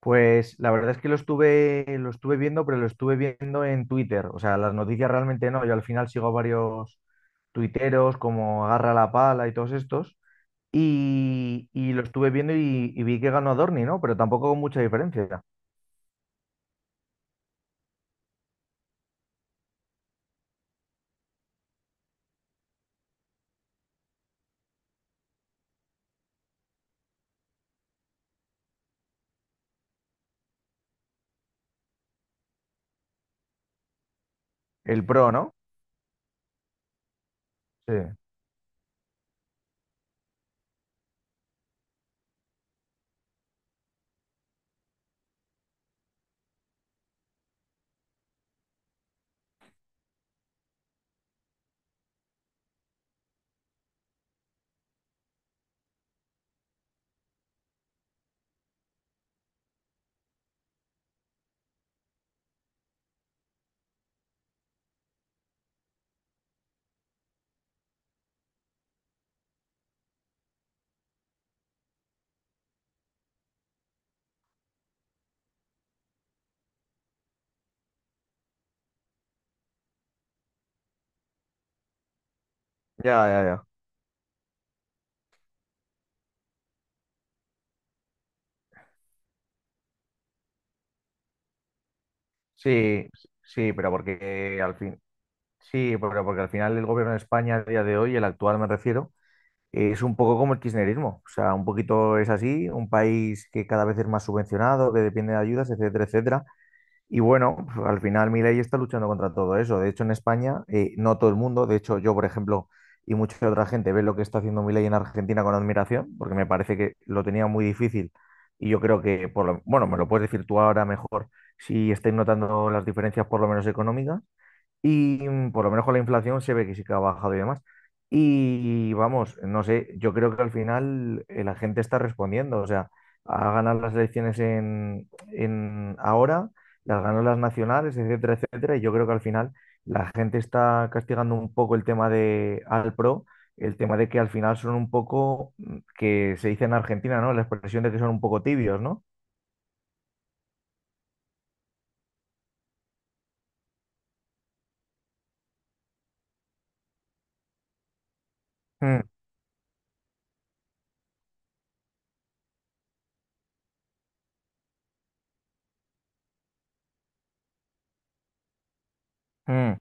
Pues la verdad es que lo estuve viendo, pero lo estuve viendo en Twitter. O sea, las noticias realmente no. Yo al final sigo a varios tuiteros como Agarra la Pala y todos estos. Y lo estuve viendo y vi que ganó Adorni, ¿no? Pero tampoco con mucha diferencia. El pro, ¿no? Sí. Ya, ya, ya. Sí, sí, pero porque al fin, sí, pero porque al final el gobierno de España a día de hoy, el actual me refiero, es un poco como el kirchnerismo, o sea, un poquito es así, un país que cada vez es más subvencionado, que depende de ayudas, etcétera, etcétera. Y bueno, pues, al final Milei está luchando contra todo eso. De hecho, en España, no todo el mundo, de hecho yo, por ejemplo, y mucha otra gente ve lo que está haciendo Milei en Argentina con admiración, porque me parece que lo tenía muy difícil. Y yo creo que, bueno, me lo puedes decir tú ahora mejor, si estáis notando las diferencias por lo menos económicas. Y por lo menos con la inflación se ve que sí que ha bajado y demás. Y vamos, no sé, yo creo que al final la gente está respondiendo. O sea, ha ganado las elecciones en ahora, las ganó las nacionales, etcétera, etcétera. Y yo creo que al final la gente está castigando un poco el tema de al pro, el tema de que al final son un poco, que se dice en Argentina, ¿no? La expresión de que son un poco tibios, ¿no? Mm, mm,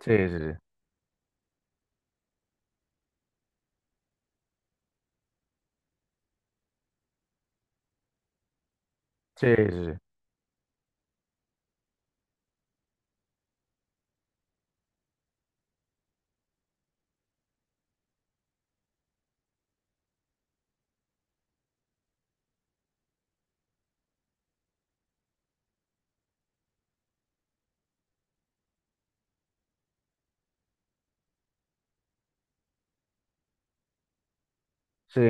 sí, sí, sí, sí, sí, sí, sí.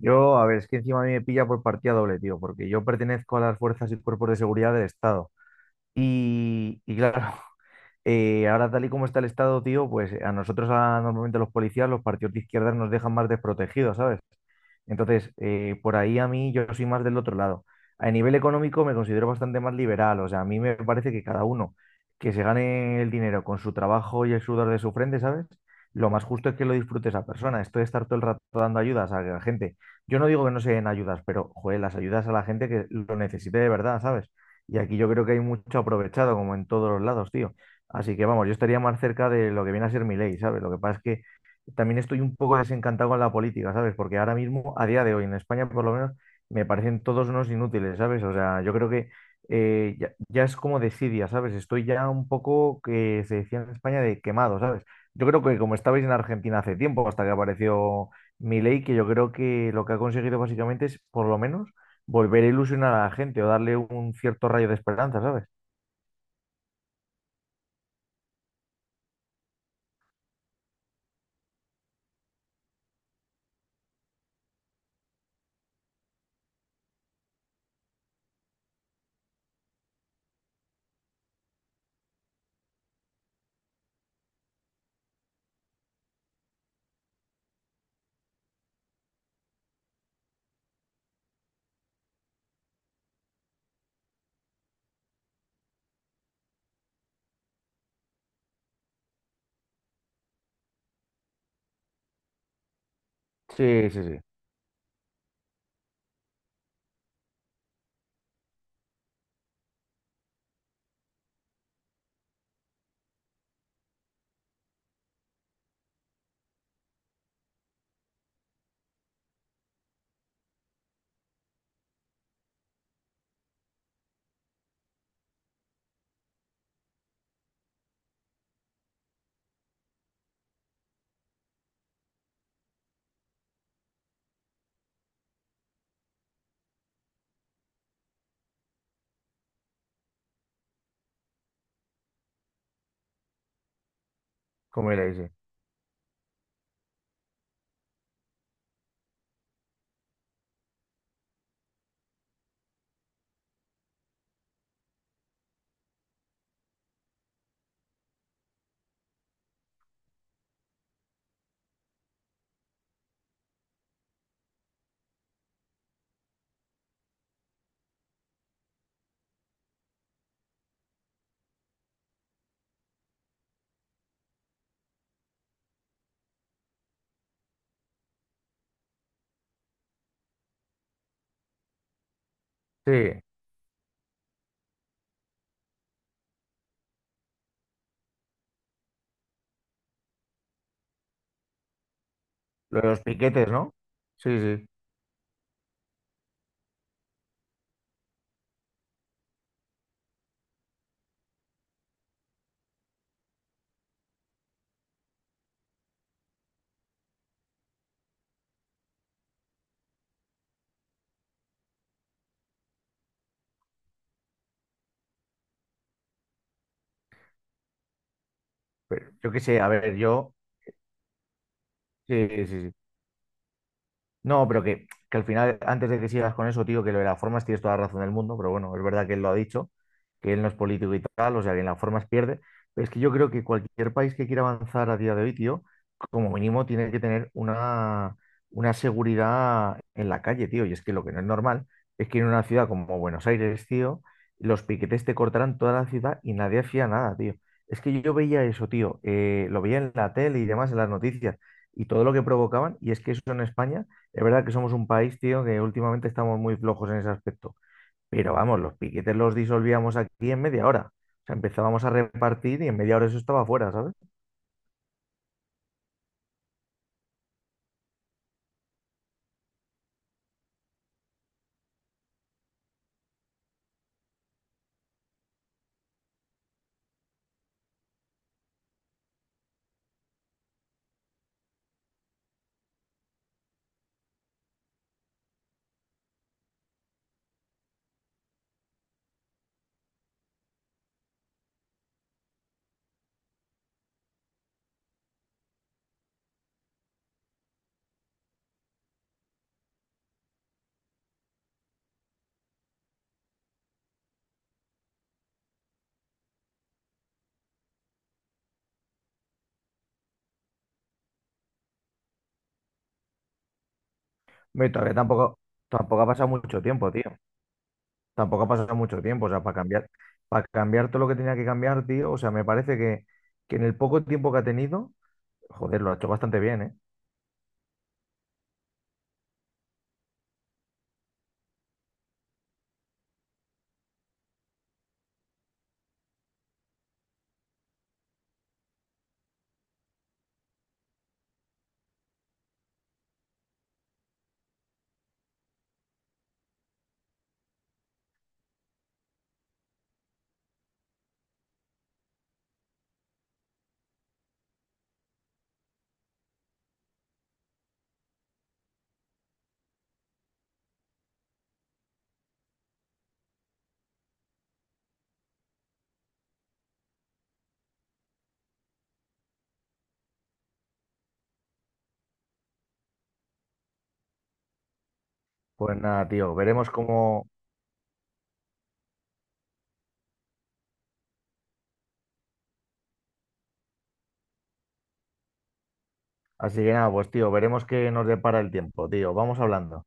Yo, a ver, es que encima a mí me pilla por partida doble, tío, porque yo pertenezco a las fuerzas y cuerpos de seguridad del Estado. Y claro, ahora tal y como está el Estado, tío, pues a nosotros normalmente los policías, los partidos de izquierdas nos dejan más desprotegidos, ¿sabes? Entonces, por ahí a mí yo soy más del otro lado. A nivel económico me considero bastante más liberal, o sea, a mí me parece que cada uno que se gane el dinero con su trabajo y el sudor de su frente, ¿sabes? Lo más justo es que lo disfrute esa persona. Esto de estar todo el rato dando ayudas a la gente. Yo no digo que no se den ayudas, pero, joder, las ayudas a la gente que lo necesite de verdad, ¿sabes? Y aquí yo creo que hay mucho aprovechado, como en todos los lados, tío. Así que vamos, yo estaría más cerca de lo que viene a ser mi ley, ¿sabes? Lo que pasa es que también estoy un poco desencantado con la política, ¿sabes? Porque ahora mismo, a día de hoy, en España por lo menos, me parecen todos unos inútiles, ¿sabes? O sea, yo creo que ya es como desidia, ¿sabes? Estoy ya un poco, que se decía en España, de quemado, ¿sabes? Yo creo que como estabais en Argentina hace tiempo, hasta que apareció Milei, que yo creo que lo que ha conseguido básicamente es, por lo menos, volver a ilusionar a la gente o darle un cierto rayo de esperanza, ¿sabes? Sí, sí, sí, como Milei, sí. Sí, lo de los piquetes, ¿no? Sí, sí. Pero yo qué sé, a ver, yo, sí, sí, sí. No, pero que al final, antes de que sigas con eso, tío, que lo de las formas tienes toda la razón del mundo, pero bueno, es verdad que él lo ha dicho, que él no es político y tal, o sea, que en las formas pierde. Pero es que yo creo que cualquier país que quiera avanzar a día de hoy, tío, como mínimo tiene que tener una seguridad en la calle, tío. Y es que lo que no es normal es que en una ciudad como Buenos Aires, tío, los piquetes te cortaran toda la ciudad y nadie hacía nada, tío. Es que yo veía eso, tío, lo veía en la tele y demás, en las noticias, y todo lo que provocaban, y es que eso en España es verdad que somos un país, tío, que últimamente estamos muy flojos en ese aspecto. Pero vamos, los piquetes los disolvíamos aquí en media hora. O sea, empezábamos a repartir y en media hora eso estaba fuera, ¿sabes? Me todavía tampoco, tampoco ha pasado mucho tiempo, tío. Tampoco ha pasado mucho tiempo. O sea, para cambiar todo lo que tenía que cambiar, tío. O sea, me parece que en el poco tiempo que ha tenido, joder, lo ha hecho bastante bien, ¿eh? Pues nada, tío, veremos cómo. Así que nada, pues tío, veremos qué nos depara el tiempo, tío. Vamos hablando.